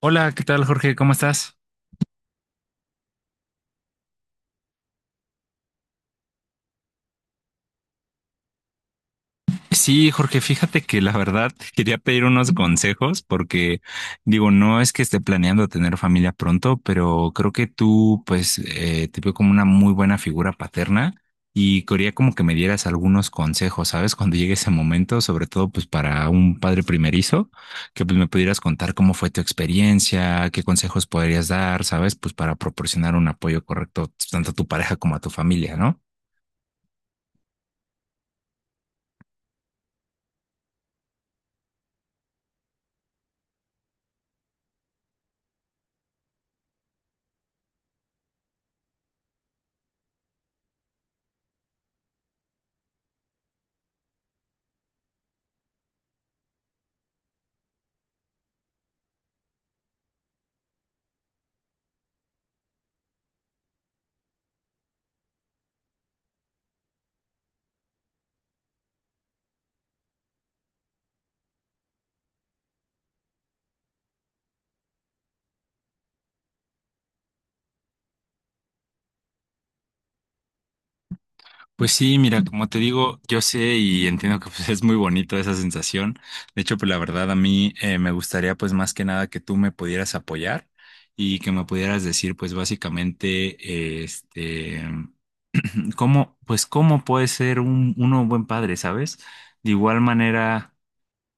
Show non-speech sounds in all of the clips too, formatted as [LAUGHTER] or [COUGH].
Hola, ¿qué tal, Jorge? ¿Cómo estás? Sí, Jorge, fíjate que la verdad quería pedir unos consejos porque digo, no es que esté planeando tener familia pronto, pero creo que tú, pues, te veo como una muy buena figura paterna y quería como que me dieras algunos consejos, ¿sabes? Cuando llegue ese momento, sobre todo pues para un padre primerizo, que pues me pudieras contar cómo fue tu experiencia, qué consejos podrías dar, ¿sabes? Pues para proporcionar un apoyo correcto tanto a tu pareja como a tu familia, ¿no? Pues sí, mira, como te digo, yo sé y entiendo que pues, [LAUGHS] es muy bonito esa sensación. De hecho, pues la verdad a mí me gustaría pues más que nada que tú me pudieras apoyar y que me pudieras decir pues básicamente eh, este cómo, pues, cómo puede ser un uno un buen padre, ¿sabes? De igual manera,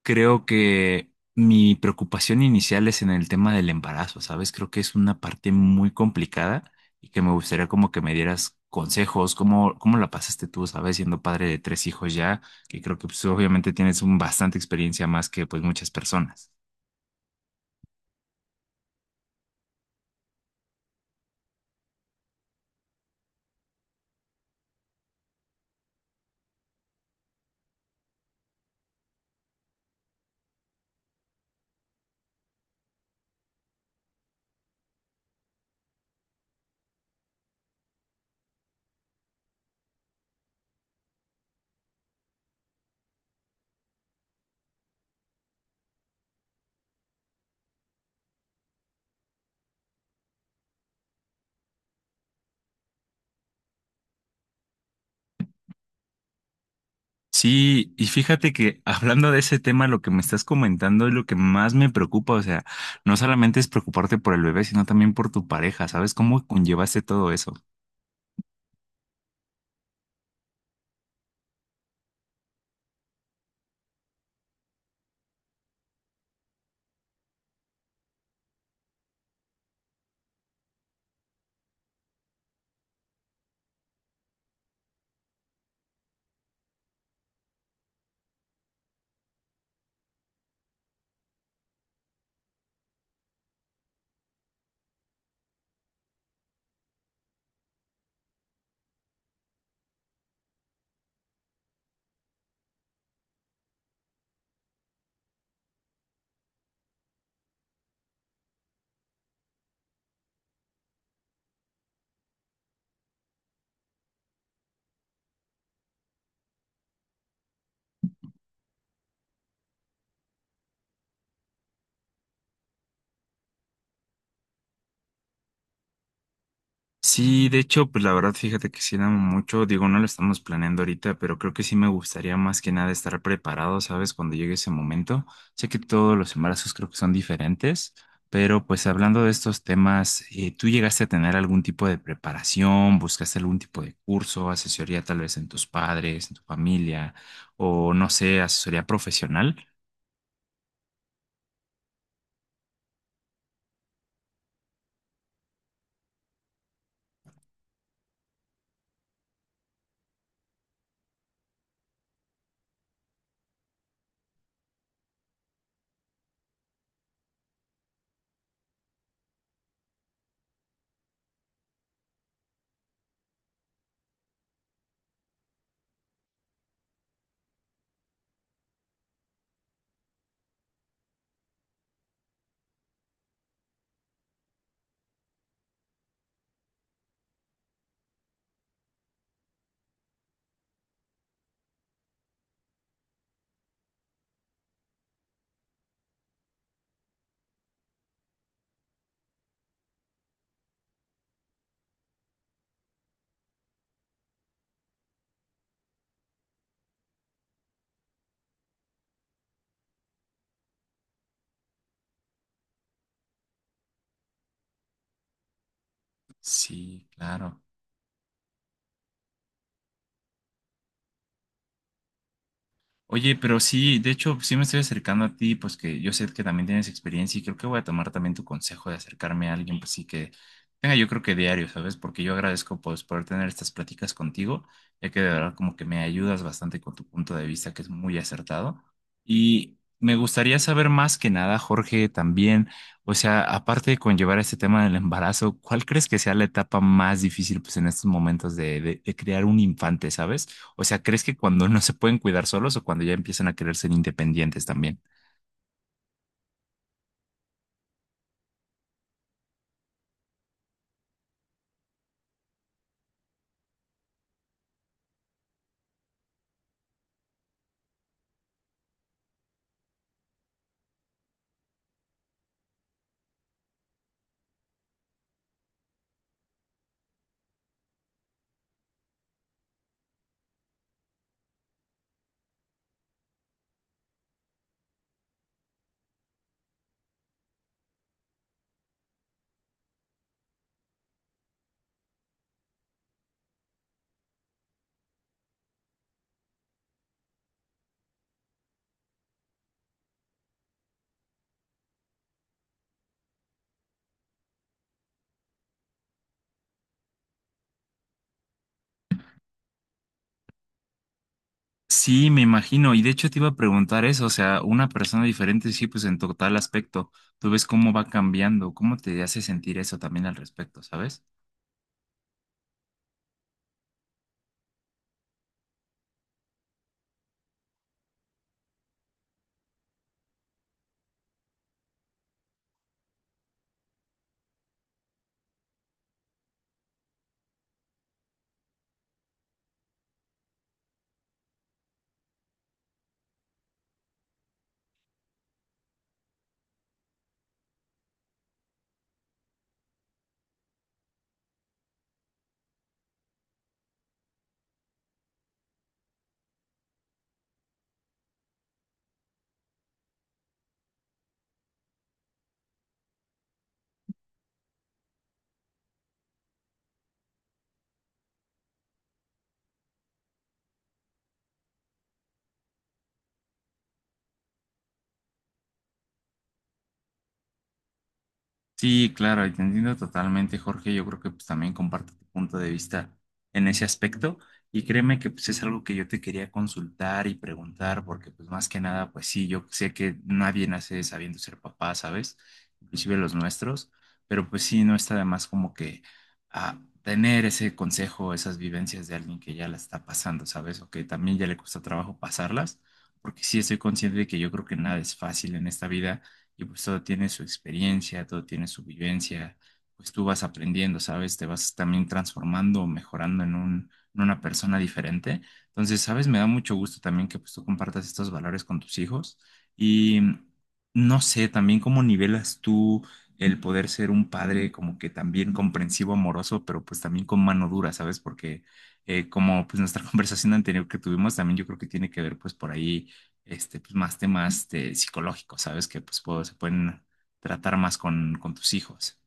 creo que mi preocupación inicial es en el tema del embarazo, ¿sabes? Creo que es una parte muy complicada y que me gustaría como que me dieras consejos, cómo, cómo la pasaste tú, ¿sabes? Siendo padre de tres hijos ya, que creo que pues, obviamente tienes un bastante experiencia más que pues muchas personas. Sí, y fíjate que [LAUGHS] hablando de ese tema, lo que me estás comentando es lo que más me preocupa, o sea, no solamente es preocuparte por el bebé, sino también por tu pareja, ¿sabes? ¿Cómo conllevaste todo eso? Sí, de hecho, pues la verdad, fíjate que sí da mucho, digo, no lo estamos planeando ahorita, pero creo que sí me gustaría más que nada estar preparado, ¿sabes? Cuando llegue ese momento. Sé que todos los embarazos creo que son diferentes, pero pues hablando de estos temas, ¿tú llegaste a tener algún tipo de preparación? ¿Buscaste algún tipo de curso, asesoría tal vez en tus padres, en tu familia, o no sé, asesoría profesional? Sí, claro. Oye, pero sí, de hecho, sí me estoy acercando a ti, pues que yo sé que también tienes experiencia y creo que voy a tomar también tu consejo de acercarme a alguien, pues sí que tenga yo creo que diario, ¿sabes? Porque yo agradezco pues poder tener estas pláticas contigo, ya que de verdad como que me ayudas bastante con tu punto de vista que es muy acertado. Y me gustaría saber más que nada, Jorge, también, o sea, aparte de conllevar este tema del embarazo, ¿cuál crees que sea la etapa más difícil pues en estos momentos de, de crear un infante, ¿sabes? O sea, ¿crees que cuando no se pueden cuidar solos o cuando ya empiezan a querer ser independientes también? Sí, me imagino. Y de hecho te iba a preguntar eso, o sea, una persona diferente, sí, pues en total aspecto, tú ves cómo va cambiando, cómo te hace sentir eso también al respecto, ¿sabes? Sí, claro, y te entiendo totalmente, Jorge. Yo creo que pues, también comparto tu punto de vista en ese aspecto. Y créeme que pues, es algo que yo te quería consultar y preguntar, porque pues más que nada, pues sí, yo sé que nadie nace sabiendo ser papá, ¿sabes? Inclusive los nuestros, pero pues sí, no está de más como que tener ese consejo, esas vivencias de alguien que ya la está pasando, ¿sabes? O que también ya le cuesta trabajo pasarlas, porque sí estoy consciente de que yo creo que nada es fácil en esta vida y pues todo tiene su experiencia, todo tiene su vivencia, pues tú vas aprendiendo, ¿sabes? Te vas también transformando, mejorando en un, en una persona diferente. Entonces, ¿sabes? Me da mucho gusto también que pues tú compartas estos valores con tus hijos y no sé, también cómo nivelas tú el poder ser un padre como que también comprensivo, amoroso, pero pues también con mano dura, ¿sabes? Porque como pues nuestra [LAUGHS] conversación anterior que tuvimos, también yo creo que tiene que ver pues por ahí pues, más temas de psicológicos, ¿sabes? Que pues se pueden tratar más con tus hijos.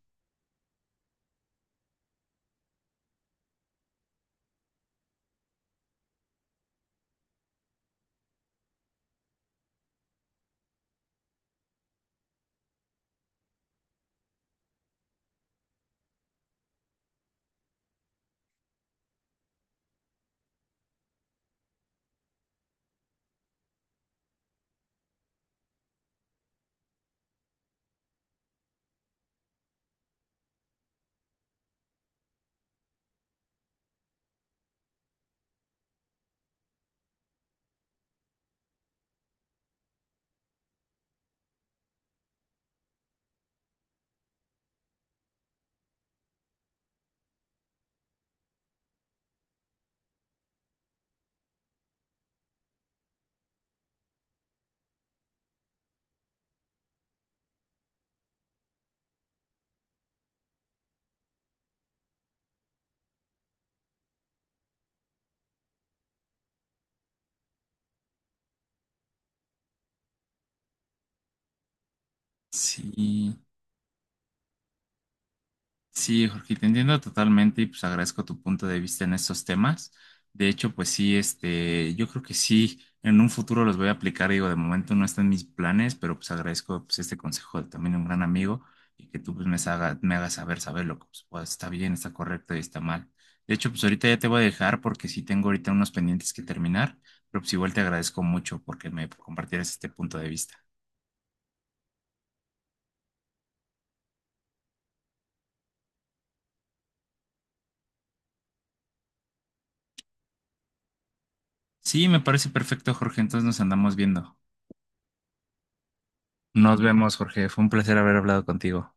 Sí. Sí, Jorge, te entiendo totalmente y pues agradezco tu punto de vista en estos temas. De hecho, pues sí, yo creo que sí, en un futuro los voy a aplicar. Digo, de momento no están mis planes, pero pues agradezco pues este consejo de también un gran amigo y que tú pues me hagas saber, saber lo que pues, pues, está bien, está correcto y está mal. De hecho, pues ahorita ya te voy a dejar porque sí tengo ahorita unos pendientes que terminar, pero pues igual te agradezco mucho porque me compartieras este punto de vista. Sí, me parece perfecto, Jorge, entonces nos andamos viendo. Nos vemos, Jorge. Fue un placer haber hablado contigo.